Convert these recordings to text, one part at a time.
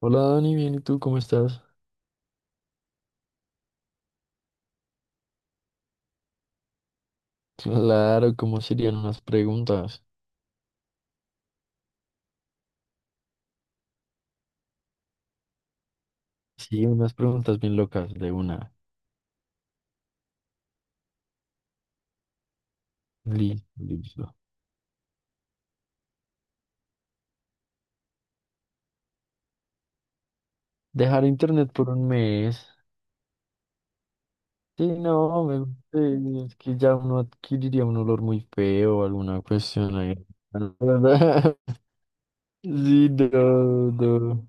Hola Dani, bien, ¿y tú cómo estás? Claro, ¿cómo serían unas preguntas? Sí, unas preguntas bien locas de una. Listo. Dejar internet por un mes. Sí, no, es que ya uno adquiriría un olor muy feo o alguna cuestión ahí. Sí, no, no.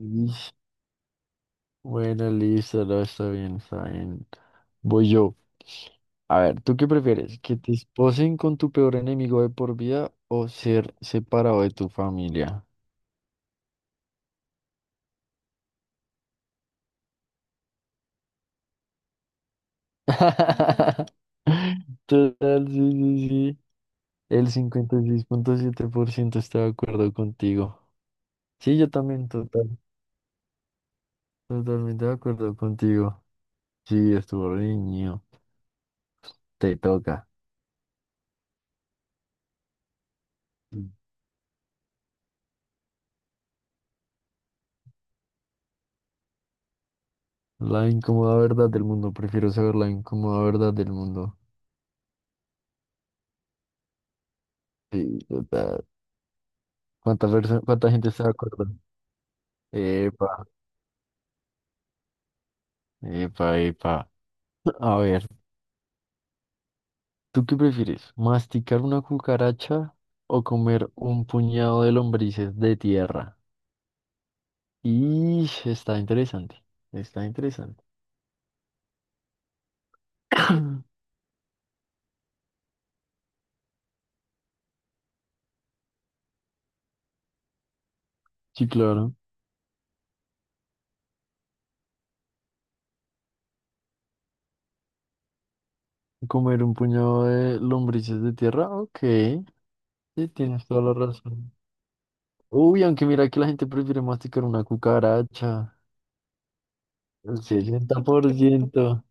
Ish. Bueno, listo, no, está bien, está bien. Voy yo. A ver, ¿tú qué prefieres? ¿Que te esposen con tu peor enemigo de por vida o ser separado de tu familia? Total, sí, sí, sí. El 56,7% está de acuerdo contigo. Sí, yo también, total. Totalmente de acuerdo contigo. Sí, estuvo niño. Te toca. Mm. La incómoda verdad del mundo. Prefiero saber la incómoda verdad del mundo. Sí, total. ¿Cuánta cuánta gente está de acuerdo? Epa, epa, epa. A ver, ¿tú qué prefieres? ¿Masticar una cucaracha o comer un puñado de lombrices de tierra? Y está interesante, está interesante. Sí, claro. Comer un puñado de lombrices de tierra, ok. Sí, tienes toda la razón. Uy, aunque mira que la gente prefiere masticar una cucaracha. El 60%.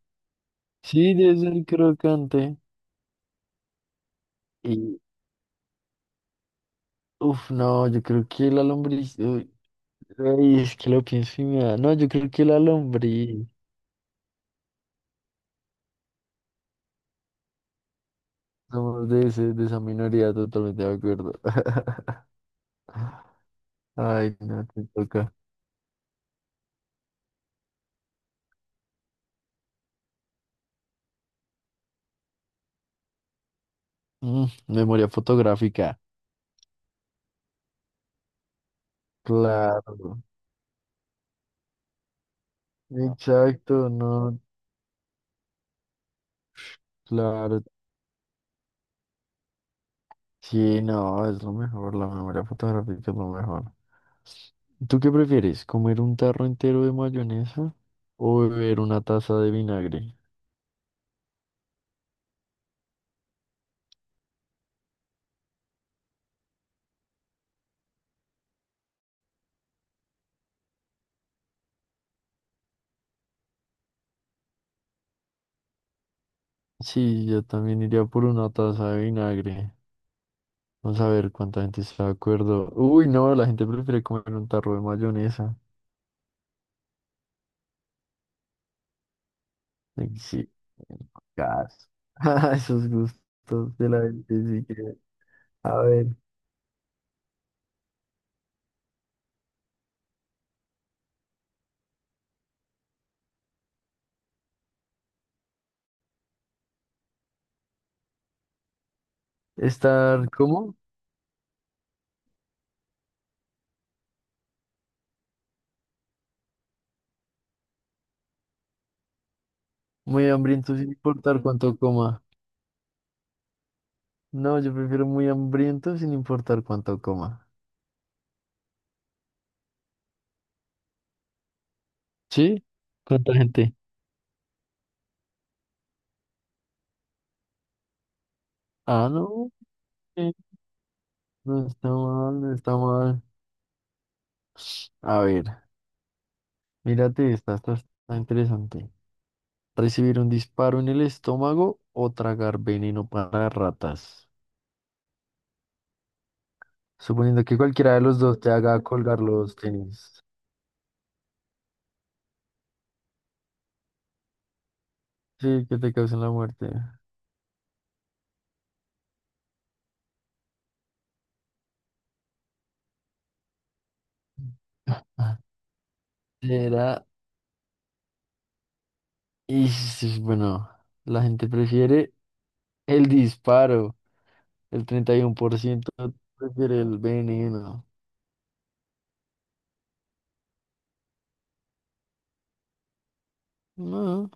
Sí, debe ser crocante. Uf, no, yo creo que la lombriz. Uy, ay, es que lo pienso y me da. No, yo creo que la lombriz. Somos de esa minoría, totalmente de acuerdo. Ay, no, te toca. Mm, memoria fotográfica. Claro. Exacto, no, claro. Sí, no, es lo mejor. La memoria fotográfica es lo mejor. ¿Tú qué prefieres? ¿Comer un tarro entero de mayonesa o beber una taza de vinagre? Sí, yo también iría por una taza de vinagre. Vamos a ver cuánta gente está de acuerdo. Uy, no, la gente prefiere comer un tarro de mayonesa. Ay, sí, gas. Esos gustos de la gente, sí A ver, ¿cómo? Muy hambriento sin importar cuánto coma. No, yo prefiero muy hambriento sin importar cuánto coma. ¿Sí? ¿Cuánta gente? Ah, no, eh, no está mal, no está mal. A ver, mírate esta está interesante. Recibir un disparo en el estómago o tragar veneno para ratas. Suponiendo que cualquiera de los dos te haga colgar los tenis. Sí, que te causen la muerte. Era, y sí, bueno, la gente prefiere el disparo. El 31% prefiere el veneno. No.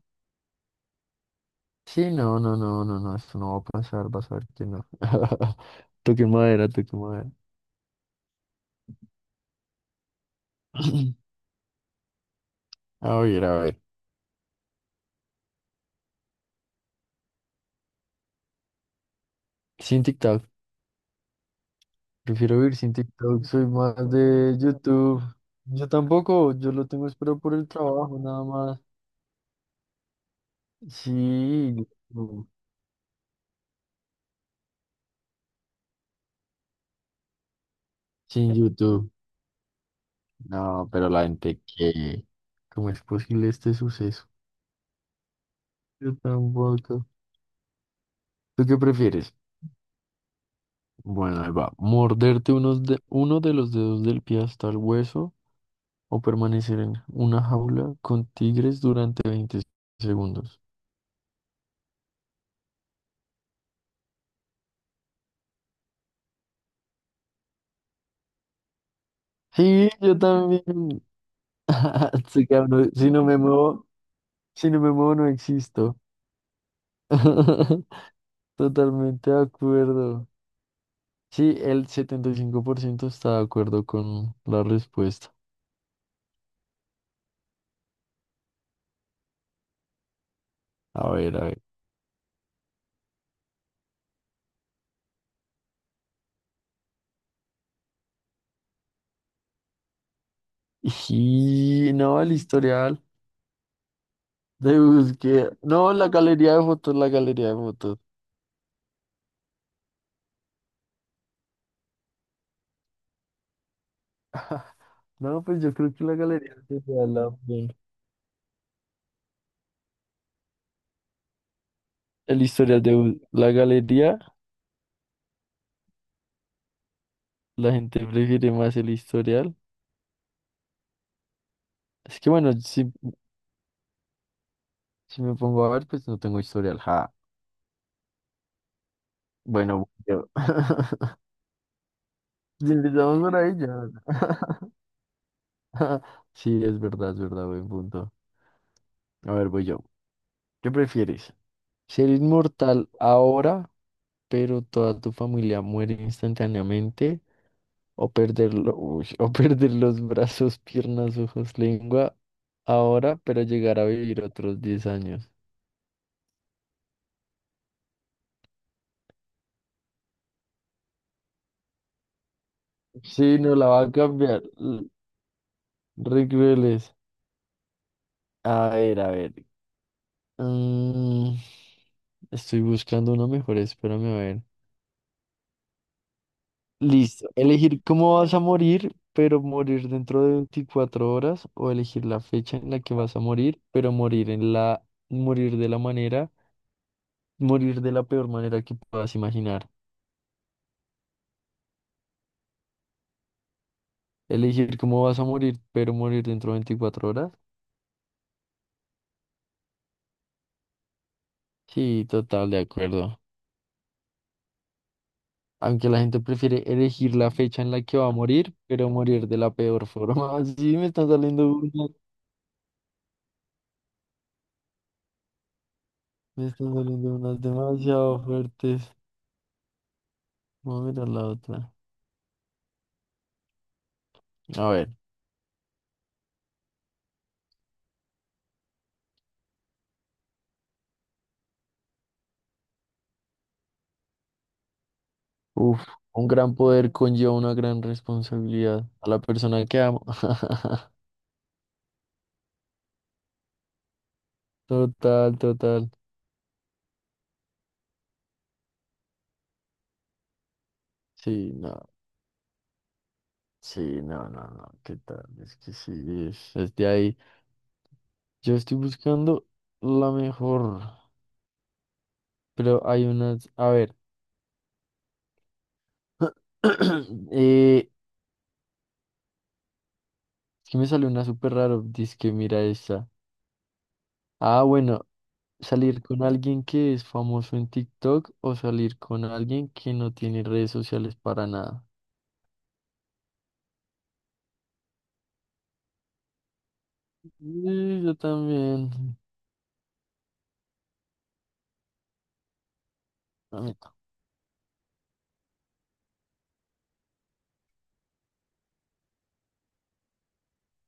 Sí, no, no, no, no, no, esto no va a pasar, vas a ver que no. Toque madera, toque madera. A ver, a ver. Sin TikTok. Prefiero vivir sin TikTok, soy más de YouTube. Yo tampoco, yo lo tengo espero por el trabajo, nada más. Sí, YouTube, sin YouTube. No, pero la gente que... ¿Cómo es posible este suceso? Yo tampoco. ¿Tú qué prefieres? Bueno, ahí va. ¿Morderte uno de los dedos del pie hasta el hueso o permanecer en una jaula con tigres durante 20 segundos? Sí, yo también. Sí, cabrón, si no me muevo... Si no me muevo, no existo. Totalmente de acuerdo. Sí, el 75% está de acuerdo con la respuesta. A ver, a ver. Y no, el historial de búsqueda. No, la galería de fotos, la galería de fotos. No, pues yo creo que la galería de la... El historial de bus- La galería, la gente prefiere más el historial. Es que bueno, si me pongo a ver, pues no tengo historial. Ja. Bueno, yo. Si empezamos por ahí ya. Sí, es verdad, buen punto. A ver, voy yo. ¿Qué prefieres? ¿Ser inmortal ahora, pero toda tu familia muere instantáneamente? ¿O o perder los brazos, piernas, ojos, lengua ahora, pero llegar a vivir otros 10 años? Sí, no la va a cambiar. Re crueles. A ver, a ver. Mm, Estoy buscando una mejor, espérame a ver. Listo. Elegir cómo vas a morir, pero morir dentro de 24 horas, o elegir la fecha en la que vas a morir, pero morir en la, morir de la manera, morir de la peor manera que puedas imaginar. Elegir cómo vas a morir, pero morir dentro de 24 horas. Sí, total, de acuerdo. Aunque la gente prefiere elegir la fecha en la que va a morir, pero morir de la peor forma. Sí, me están saliendo unas demasiado fuertes. Vamos a mirar la otra. A ver. Uf, un gran poder conlleva una gran responsabilidad a la persona que amo. Total, total. Sí, no, sí, no, no, no, ¿qué tal? Es que sí, es de ahí. Yo estoy buscando la mejor, pero hay unas, a ver, eh, es que me salió una súper raro, dice que mira esta. Ah, bueno, salir con alguien que es famoso en TikTok o salir con alguien que no tiene redes sociales para nada. Sí, yo también.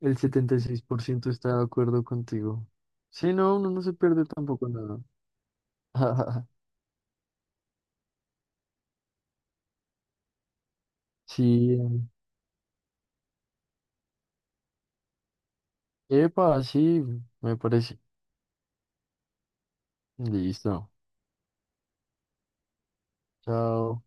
El 76% está de acuerdo contigo. Sí, no, uno no se pierde tampoco nada. Sí, epa, sí, me parece. Listo. Chao.